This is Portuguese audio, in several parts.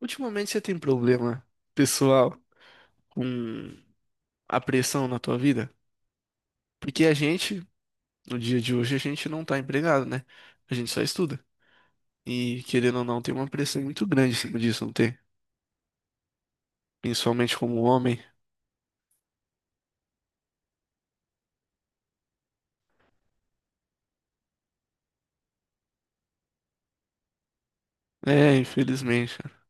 Ultimamente você tem problema pessoal com a pressão na tua vida? Porque a gente, no dia de hoje, a gente não tá empregado, né? A gente só estuda. E querendo ou não, tem uma pressão muito grande em cima disso, não tem? Principalmente como homem. É, infelizmente, cara.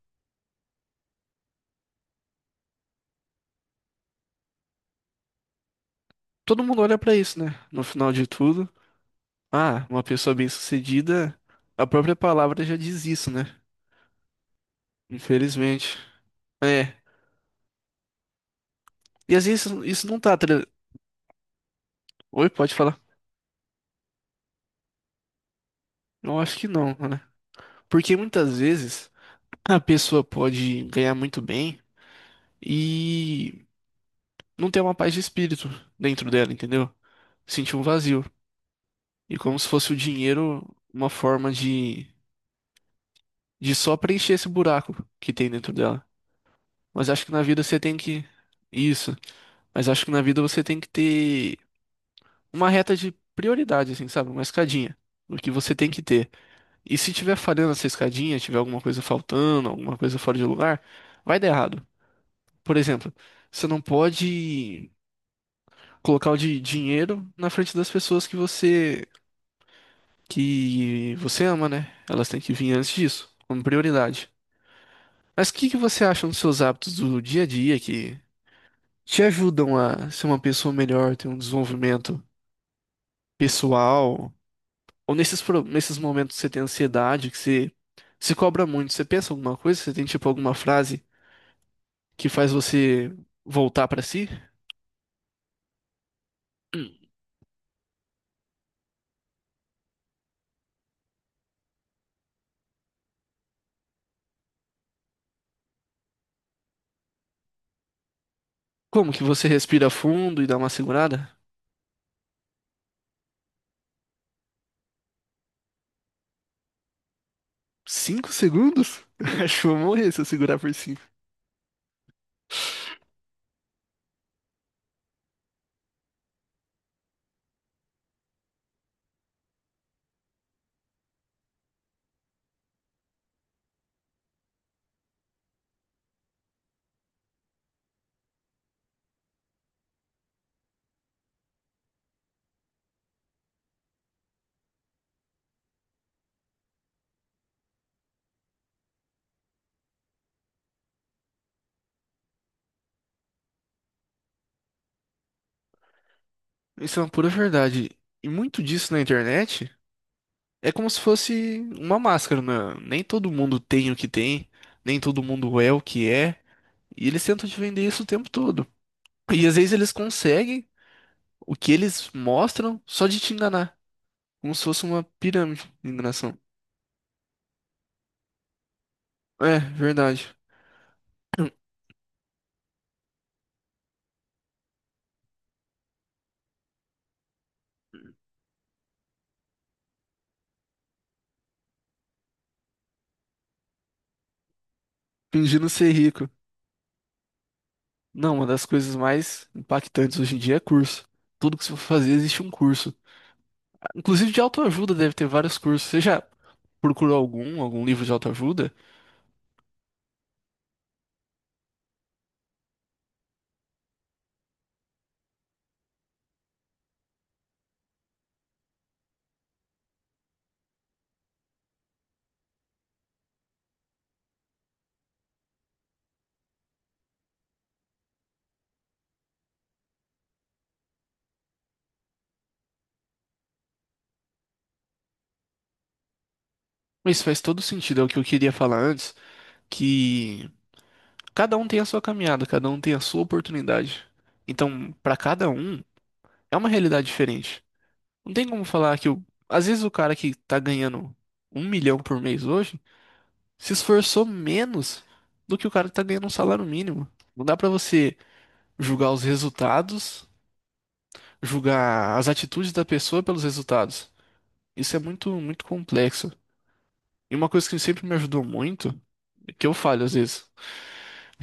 Todo mundo olha pra isso, né? No final de tudo, ah, uma pessoa bem-sucedida, a própria palavra já diz isso, né? Infelizmente. É. E às vezes isso não tá. Oi, pode falar? Eu acho que não, né? Porque muitas vezes. A pessoa pode ganhar muito bem e não ter uma paz de espírito dentro dela, entendeu? Sentir um vazio. E como se fosse o dinheiro uma forma de só preencher esse buraco que tem dentro dela. Mas acho que na vida você tem que. Isso. Mas acho que na vida você tem que ter uma reta de prioridade, assim, sabe? Uma escadinha. O que você tem que ter. E se tiver falhando essa escadinha, tiver alguma coisa faltando, alguma coisa fora de lugar, vai dar errado. Por exemplo, você não pode colocar o dinheiro na frente das pessoas que você ama, né? Elas têm que vir antes disso, como prioridade. Mas o que que você acha dos seus hábitos do dia a dia que te ajudam a ser uma pessoa melhor, ter um desenvolvimento pessoal? Ou nesses, nesses momentos que você tem ansiedade, que você se cobra muito, você pensa alguma coisa? Você tem tipo alguma frase que faz você voltar pra si? Como que você respira fundo e dá uma segurada? 5 segundos? Acho que eu vou morrer se eu segurar por 5 segundos. Isso é uma pura verdade. E muito disso na internet é como se fosse uma máscara, né? Nem todo mundo tem o que tem, nem todo mundo é o que é. E eles tentam te vender isso o tempo todo. E às vezes eles conseguem o que eles mostram só de te enganar. Como se fosse uma pirâmide de enganação. É, verdade. Fingindo ser rico. Não, uma das coisas mais impactantes hoje em dia é curso. Tudo que você for fazer existe um curso. Inclusive de autoajuda deve ter vários cursos. Você já procurou algum livro de autoajuda? Mas faz todo sentido, é o que eu queria falar antes, que cada um tem a sua caminhada, cada um tem a sua oportunidade. Então, para cada um, é uma realidade diferente. Não tem como falar que o... às vezes o cara que tá ganhando 1 milhão por mês hoje se esforçou menos do que o cara que tá ganhando um salário mínimo. Não dá pra você julgar os resultados, julgar as atitudes da pessoa pelos resultados. Isso é muito, muito complexo. E uma coisa que sempre me ajudou muito, que eu falho às vezes,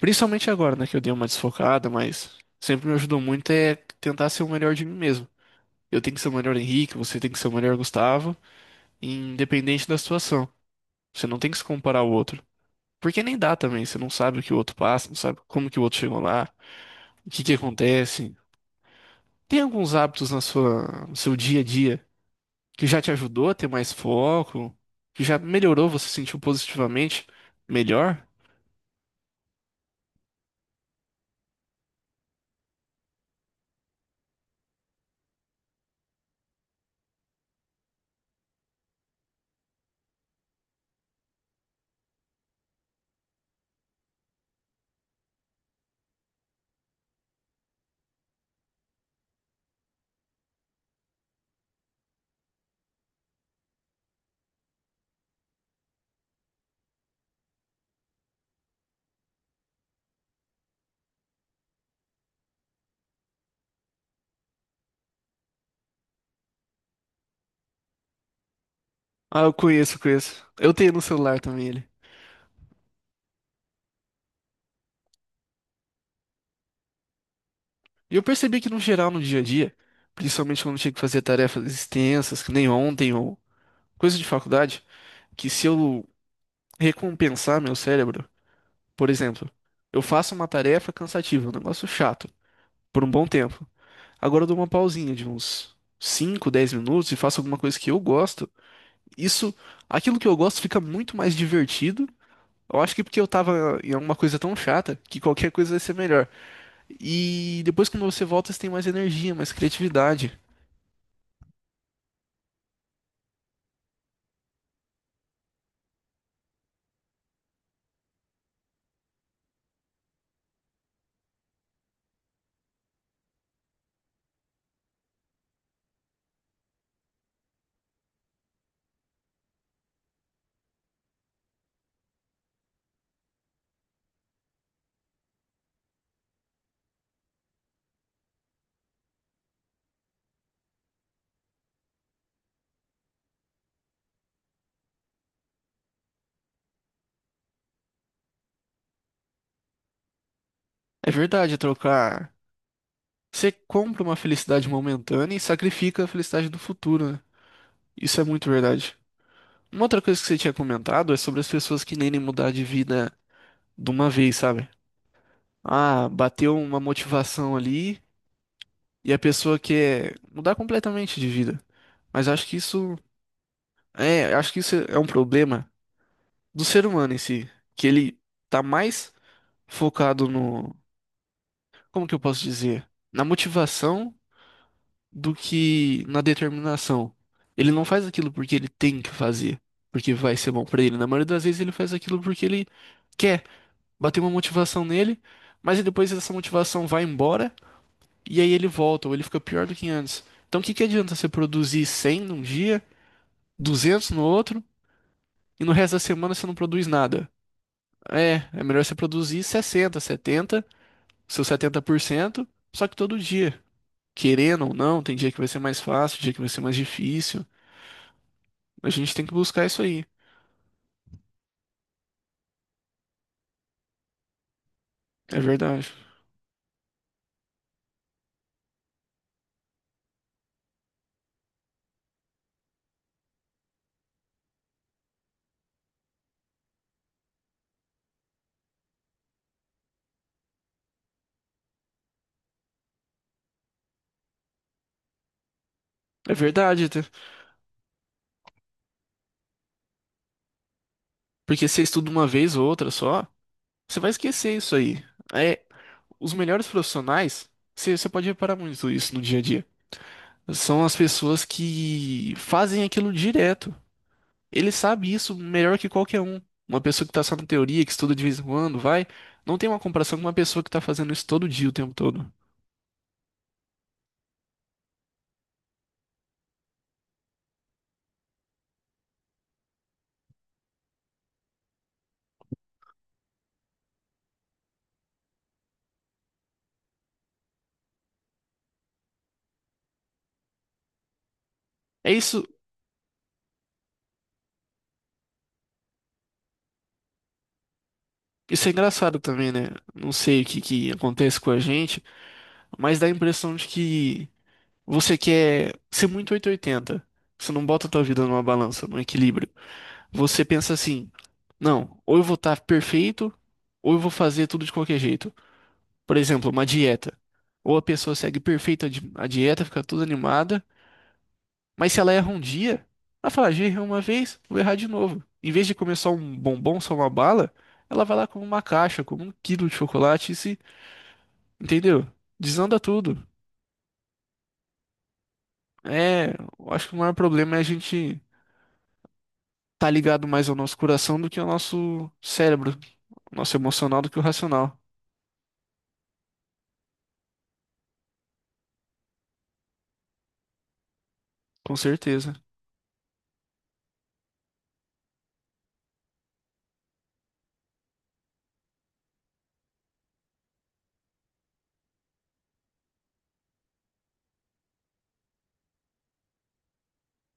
principalmente agora, né, que eu dei uma desfocada, mas sempre me ajudou muito é tentar ser o melhor de mim mesmo. Eu tenho que ser o melhor Henrique, você tem que ser o melhor Gustavo, independente da situação. Você não tem que se comparar ao outro. Porque nem dá também, você não sabe o que o outro passa, não sabe como que o outro chegou lá, o que que acontece. Tem alguns hábitos na sua, no seu dia a dia que já te ajudou a ter mais foco, que já melhorou, você sentiu positivamente melhor? Ah, eu conheço, conheço. Eu tenho no celular também ele. E eu percebi que no geral, no dia a dia, principalmente quando eu tinha que fazer tarefas extensas, que nem ontem ou coisa de faculdade, que se eu recompensar meu cérebro, por exemplo, eu faço uma tarefa cansativa, um negócio chato, por um bom tempo. Agora eu dou uma pausinha de uns 5, 10 minutos e faço alguma coisa que eu gosto. Isso, aquilo que eu gosto fica muito mais divertido. Eu acho que porque eu tava em alguma coisa tão chata que qualquer coisa vai ser melhor. E depois quando você volta, você tem mais energia, mais criatividade. É verdade, é trocar. Você compra uma felicidade momentânea e sacrifica a felicidade do futuro, né? Isso é muito verdade. Uma outra coisa que você tinha comentado é sobre as pessoas que nem mudar de vida de uma vez, sabe? Ah, bateu uma motivação ali e a pessoa quer mudar completamente de vida. Mas acho que isso... É, eu acho que isso é um problema do ser humano em si, que ele tá mais focado no, como que eu posso dizer, na motivação do que na determinação. Ele não faz aquilo porque ele tem que fazer, porque vai ser bom pra ele. Na maioria das vezes ele faz aquilo porque ele quer, bater uma motivação nele, mas aí depois essa motivação vai embora e aí ele volta ou ele fica pior do que antes. Então o que que adianta você produzir 100 num dia, 200 no outro e no resto da semana você não produz nada? É, é melhor você produzir 60, 70, seus 70%, só que todo dia. Querendo ou não, tem dia que vai ser mais fácil, dia que vai ser mais difícil. A gente tem que buscar isso aí. É verdade. É verdade, tá? Porque você estuda uma vez ou outra só, você vai esquecer isso aí. É, os melhores profissionais, você, você pode reparar muito isso no dia a dia. São as pessoas que fazem aquilo direto. Ele sabe isso melhor que qualquer um. Uma pessoa que tá só na teoria, que estuda de vez em quando, vai, não tem uma comparação com uma pessoa que tá fazendo isso todo dia, o tempo todo. É isso, isso é engraçado também, né? Não sei o que que acontece com a gente, mas dá a impressão de que você quer ser muito 880. Você não bota a tua vida numa balança, num equilíbrio. Você pensa assim, não, ou eu vou estar perfeito, ou eu vou fazer tudo de qualquer jeito. Por exemplo, uma dieta. Ou a pessoa segue perfeita a dieta, fica toda animada. Mas se ela erra um dia, ela fala: "Ah, já errei uma vez, vou errar de novo. Em vez de comer só um bombom, só uma bala, ela vai lá como uma caixa, como um quilo de chocolate e se, entendeu?" Desanda tudo. É, eu acho que o maior problema é a gente tá ligado mais ao nosso coração do que ao nosso cérebro, ao nosso emocional do que o racional, com certeza.